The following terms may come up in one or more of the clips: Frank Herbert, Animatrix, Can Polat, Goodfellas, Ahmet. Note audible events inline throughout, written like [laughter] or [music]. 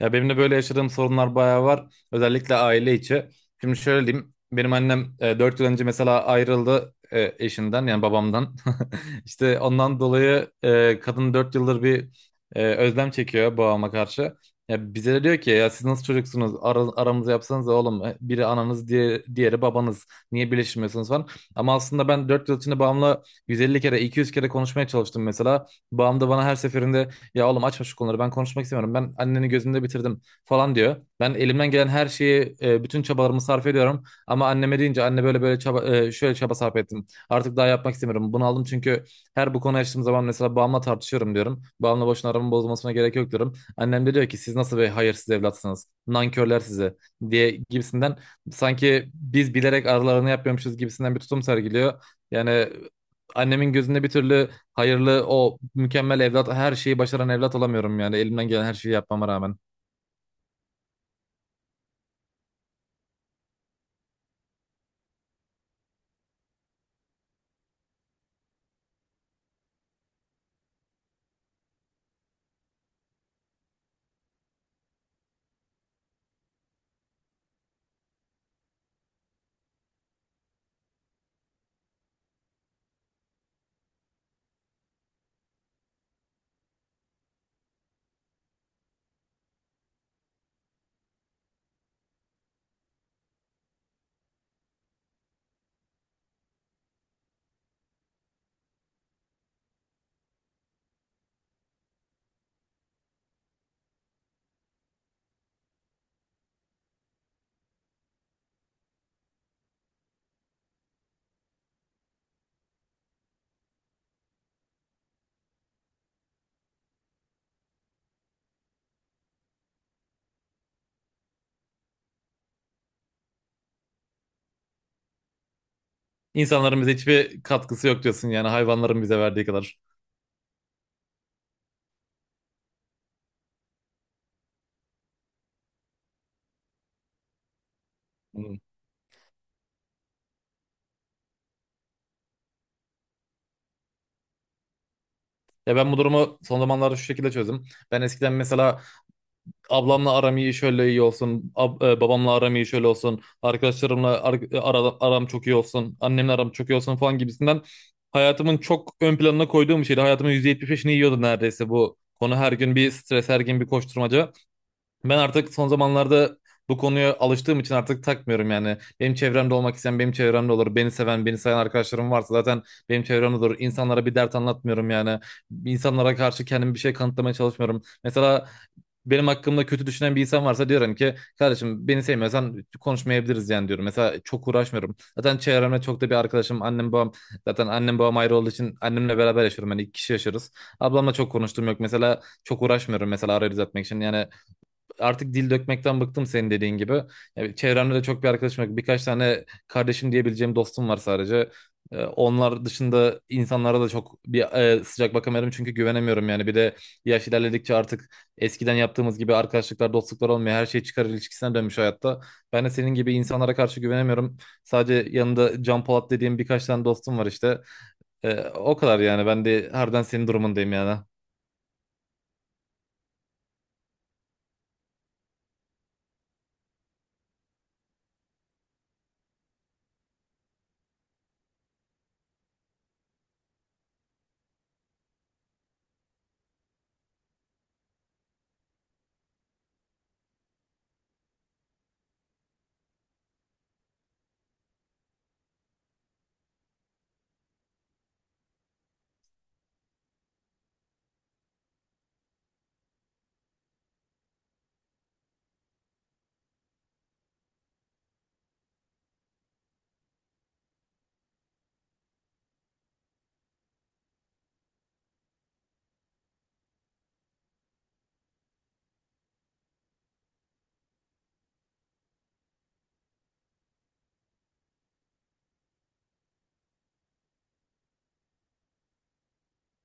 Ya benim de böyle yaşadığım sorunlar bayağı var. Özellikle aile içi. Şimdi şöyle diyeyim. Benim annem 4 yıl önce mesela ayrıldı eşinden yani babamdan. [laughs] İşte ondan dolayı kadın 4 yıldır bir özlem çekiyor babama karşı. Ya bize de diyor ki ya siz nasıl çocuksunuz? Aramızı yapsanız oğlum. Biri ananız diye, diğeri babanız. Niye birleşmiyorsunuz falan. Ama aslında ben 4 yıl içinde babamla 150 kere 200 kere konuşmaya çalıştım mesela. Babam da bana her seferinde ya oğlum açma şu konuları, ben konuşmak istemiyorum. Ben anneni gözümde bitirdim falan diyor. Ben elimden gelen her şeyi bütün çabalarımı sarf ediyorum. Ama anneme deyince anne böyle böyle çaba şöyle çaba sarf ettim, artık daha yapmak istemiyorum. Bunu aldım çünkü her bu konuyu açtığım zaman mesela babamla tartışıyorum diyorum. Babamla boşuna aramın bozulmasına gerek yok diyorum. Annem de diyor ki siz nasıl bir hayırsız evlatsınız, nankörler sizi diye gibisinden, sanki biz bilerek aralarını yapıyormuşuz gibisinden bir tutum sergiliyor. Yani annemin gözünde bir türlü hayırlı o mükemmel evlat, her şeyi başaran evlat olamıyorum yani elimden gelen her şeyi yapmama rağmen. İnsanların bize hiçbir katkısı yok diyorsun yani hayvanların bize verdiği kadar. Hmm. Ya ben bu durumu son zamanlarda şu şekilde çözdüm. Ben eskiden mesela ablamla aram iyi şöyle iyi olsun, babamla aram iyi şöyle olsun, arkadaşlarımla aram çok iyi olsun, annemle aram çok iyi olsun falan gibisinden hayatımın çok ön planına koyduğum bir şeydi. Hayatımın %75'ini yiyordu neredeyse bu konu, her gün bir stres, her gün bir koşturmaca. Ben artık son zamanlarda bu konuya alıştığım için artık takmıyorum yani. Benim çevremde olmak isteyen benim çevremde olur. Beni seven, beni sayan arkadaşlarım varsa zaten benim çevremde olur. İnsanlara bir dert anlatmıyorum yani. İnsanlara karşı kendimi bir şey kanıtlamaya çalışmıyorum. Mesela benim hakkımda kötü düşünen bir insan varsa diyorum ki kardeşim beni sevmiyorsan konuşmayabiliriz yani diyorum. Mesela çok uğraşmıyorum. Zaten çevremde çok da bir arkadaşım annem babam, zaten annem babam ayrı olduğu için annemle beraber yaşıyorum. Yani 2 kişi yaşarız. Ablamla çok konuştuğum yok. Mesela çok uğraşmıyorum mesela arayı düzeltmek için. Yani artık dil dökmekten bıktım senin dediğin gibi. Yani çevremde de çok bir arkadaşım yok. Birkaç tane kardeşim diyebileceğim dostum var sadece. Onlar dışında insanlara da çok bir sıcak bakamıyorum çünkü güvenemiyorum yani. Bir de yaş ilerledikçe artık eskiden yaptığımız gibi arkadaşlıklar, dostluklar olmuyor. Her şey çıkar ilişkisine dönmüş hayatta. Ben de senin gibi insanlara karşı güvenemiyorum. Sadece yanında Can Polat dediğim birkaç tane dostum var işte. O kadar yani. Ben de harbiden senin durumundayım yani.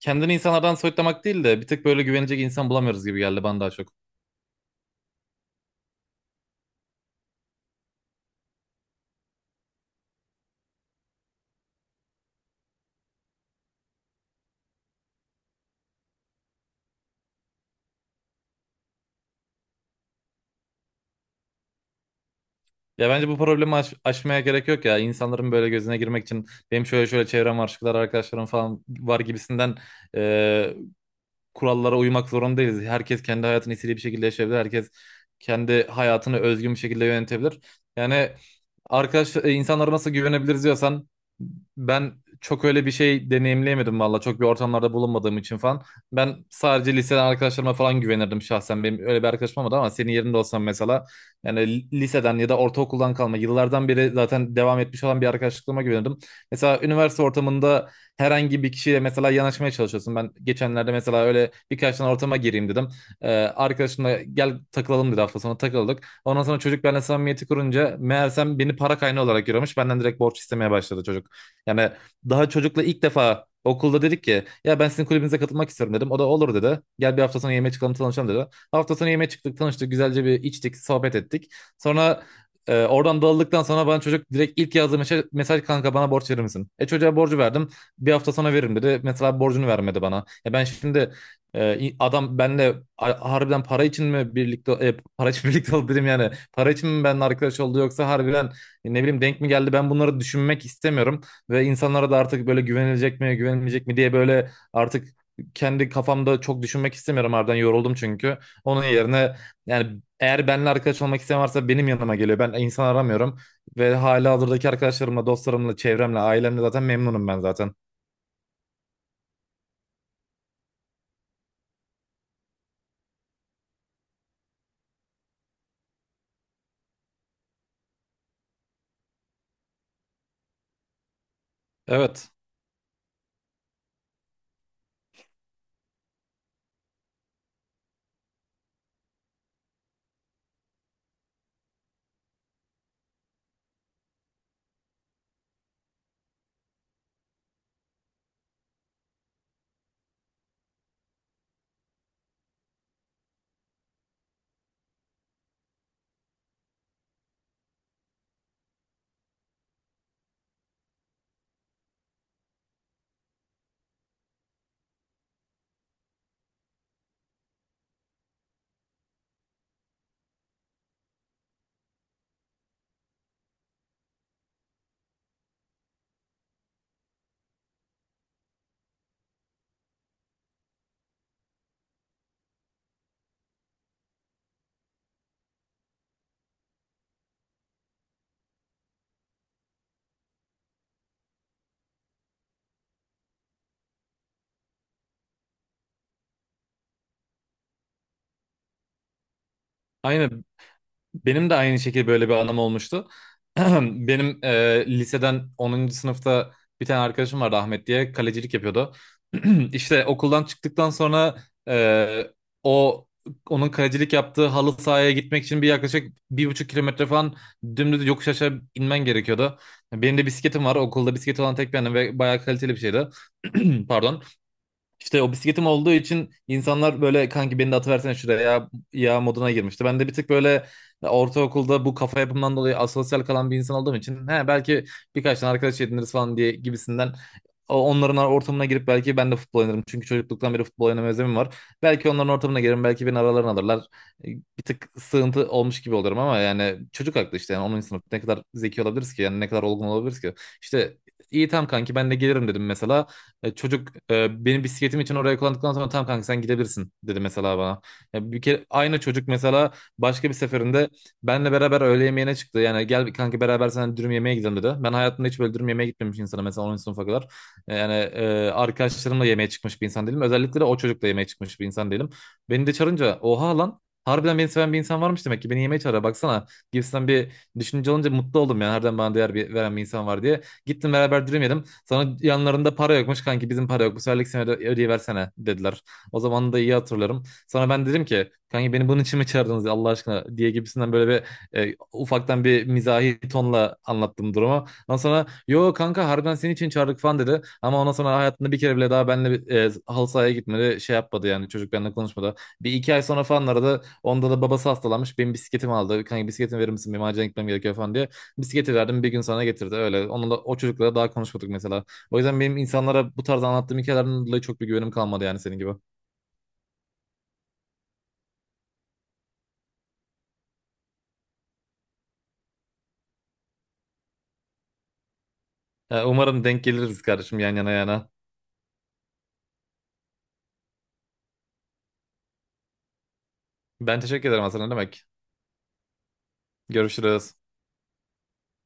Kendini insanlardan soyutlamak değil de bir tık böyle güvenecek insan bulamıyoruz gibi geldi bana daha çok. Ya bence bu problemi aşmaya gerek yok ya. İnsanların böyle gözüne girmek için benim şöyle şöyle çevrem var, şu kadar arkadaşlarım falan var gibisinden kurallara uymak zorunda değiliz. Herkes kendi hayatını istediği bir şekilde yaşayabilir. Herkes kendi hayatını özgün bir şekilde yönetebilir. Yani arkadaş insanlara nasıl güvenebiliriz diyorsan ben çok öyle bir şey deneyimleyemedim valla. Çok bir ortamlarda bulunmadığım için falan. Ben sadece liseden arkadaşlarıma falan güvenirdim şahsen. Benim öyle bir arkadaşım olmadı ama senin yerinde olsam mesela yani liseden ya da ortaokuldan kalma yıllardan beri zaten devam etmiş olan bir arkadaşlıklığıma güvenirdim. Mesela üniversite ortamında herhangi bir kişiyle mesela yanaşmaya çalışıyorsun. Ben geçenlerde mesela öyle birkaç tane ortama gireyim dedim. Arkadaşımla gel takılalım dedi, hafta sonu takıldık. Ondan sonra çocuk benimle samimiyeti kurunca meğersem beni para kaynağı olarak görüyormuş. Benden direkt borç istemeye başladı çocuk. Yani daha çocukla ilk defa okulda dedik ki ya ben sizin kulübünüze katılmak istiyorum dedim. O da olur dedi. Gel bir hafta sonu yemeğe çıkalım tanışalım dedi. Hafta sonu yemeğe çıktık, tanıştık, güzelce bir içtik, sohbet ettik. Sonra oradan dağıldıktan sonra bana çocuk direkt ilk yazdığı mesaj kanka bana borç verir misin? Çocuğa borcu verdim, bir hafta sana veririm dedi. Mesela borcunu vermedi bana. Ya ben şimdi adam benle harbiden para için mi birlikte para için [laughs] birlikte oldu dedim yani. Para için mi benimle arkadaş oldu yoksa harbiden ne bileyim denk mi geldi, ben bunları düşünmek istemiyorum. Ve insanlara da artık böyle güvenilecek mi güvenilmeyecek mi diye böyle artık kendi kafamda çok düşünmek istemiyorum, harbiden yoruldum çünkü. Onun yerine yani eğer benimle arkadaş olmak isteyen varsa benim yanıma geliyor. Ben insan aramıyorum ve halihazırdaki arkadaşlarımla, dostlarımla, çevremle, ailemle zaten memnunum ben zaten. Evet. Aynı. Benim de aynı şekilde böyle bir anım olmuştu. [clears throat] Benim liseden 10. sınıfta bir tane arkadaşım vardı, Ahmet diye, kalecilik yapıyordu. [clears throat] İşte okuldan çıktıktan sonra e, o onun kalecilik yaptığı halı sahaya gitmek için bir yaklaşık 1,5 kilometre falan dümdüz yokuş aşağı inmen gerekiyordu. Benim de bisikletim var. Okulda bisikleti olan tek benim ve bayağı kaliteli bir şeydi. [clears throat] Pardon. İşte o bisikletim olduğu için insanlar böyle kanki beni de atıversene şuraya ya, ya moduna girmişti. Ben de bir tık böyle ortaokulda bu kafa yapımdan dolayı asosyal kalan bir insan olduğum için belki birkaç tane arkadaş ediniriz falan diye gibisinden onların ortamına girip belki ben de futbol oynarım. Çünkü çocukluktan beri futbol oynama özlemim var. Belki onların ortamına girerim, belki beni aralarına alırlar. Bir tık sığıntı olmuş gibi olurum ama yani çocuk aklı işte, yani onun sınıf ne kadar zeki olabiliriz ki, yani ne kadar olgun olabiliriz ki. İşte iyi, tam kanki ben de gelirim dedim mesela. Çocuk benim bisikletim için oraya kullandıktan sonra tamam kanka sen gidebilirsin dedi mesela bana. Ya bir kere aynı çocuk mesela başka bir seferinde benle beraber öğle yemeğine çıktı. Yani gel kanka beraber sen dürüm yemeğe gidelim dedi. Ben hayatımda hiç böyle dürüm yemeğe gitmemiş insana mesela 10. sınıfa kadar. Yani arkadaşlarımla yemeğe çıkmış bir insan değilim. Özellikle de o çocukla yemeğe çıkmış bir insan değilim. Beni de çağırınca oha lan harbiden beni seven bir insan varmış demek ki beni yemeğe çağırıyor baksana gibisinden bir düşünce olunca mutlu oldum yani, harbiden bana değer veren bir insan var diye. Gittim beraber dürüm yedim. Sonra yanlarında para yokmuş, kanki bizim para yok, bu seferlik sene ödeyiversene dediler. O zaman da iyi hatırlarım. Sonra ben dedim ki kanki beni bunun için mi çağırdınız ya Allah aşkına diye gibisinden böyle bir ufaktan bir mizahi tonla anlattım durumu. Ondan sonra yo kanka harbiden senin için çağırdık falan dedi. Ama ondan sonra hayatında bir kere bile daha benimle halı sahaya gitmedi. Şey yapmadı yani, çocuk benimle konuşmadı. Bir iki ay sonra falan aradı. Onda da babası hastalanmış. Benim bisikletimi aldı. Kanka bisikletimi verir misin? Benim acilen gitmem gerekiyor falan diye. Bisikleti verdim, bir gün sana getirdi öyle. Onunla, o çocukla daha konuşmadık mesela. O yüzden benim insanlara bu tarz anlattığım hikayelerden dolayı çok bir güvenim kalmadı yani senin gibi. Ya, umarım denk geliriz kardeşim, yan yana yana. Ben teşekkür ederim Hasan, ne demek. Görüşürüz.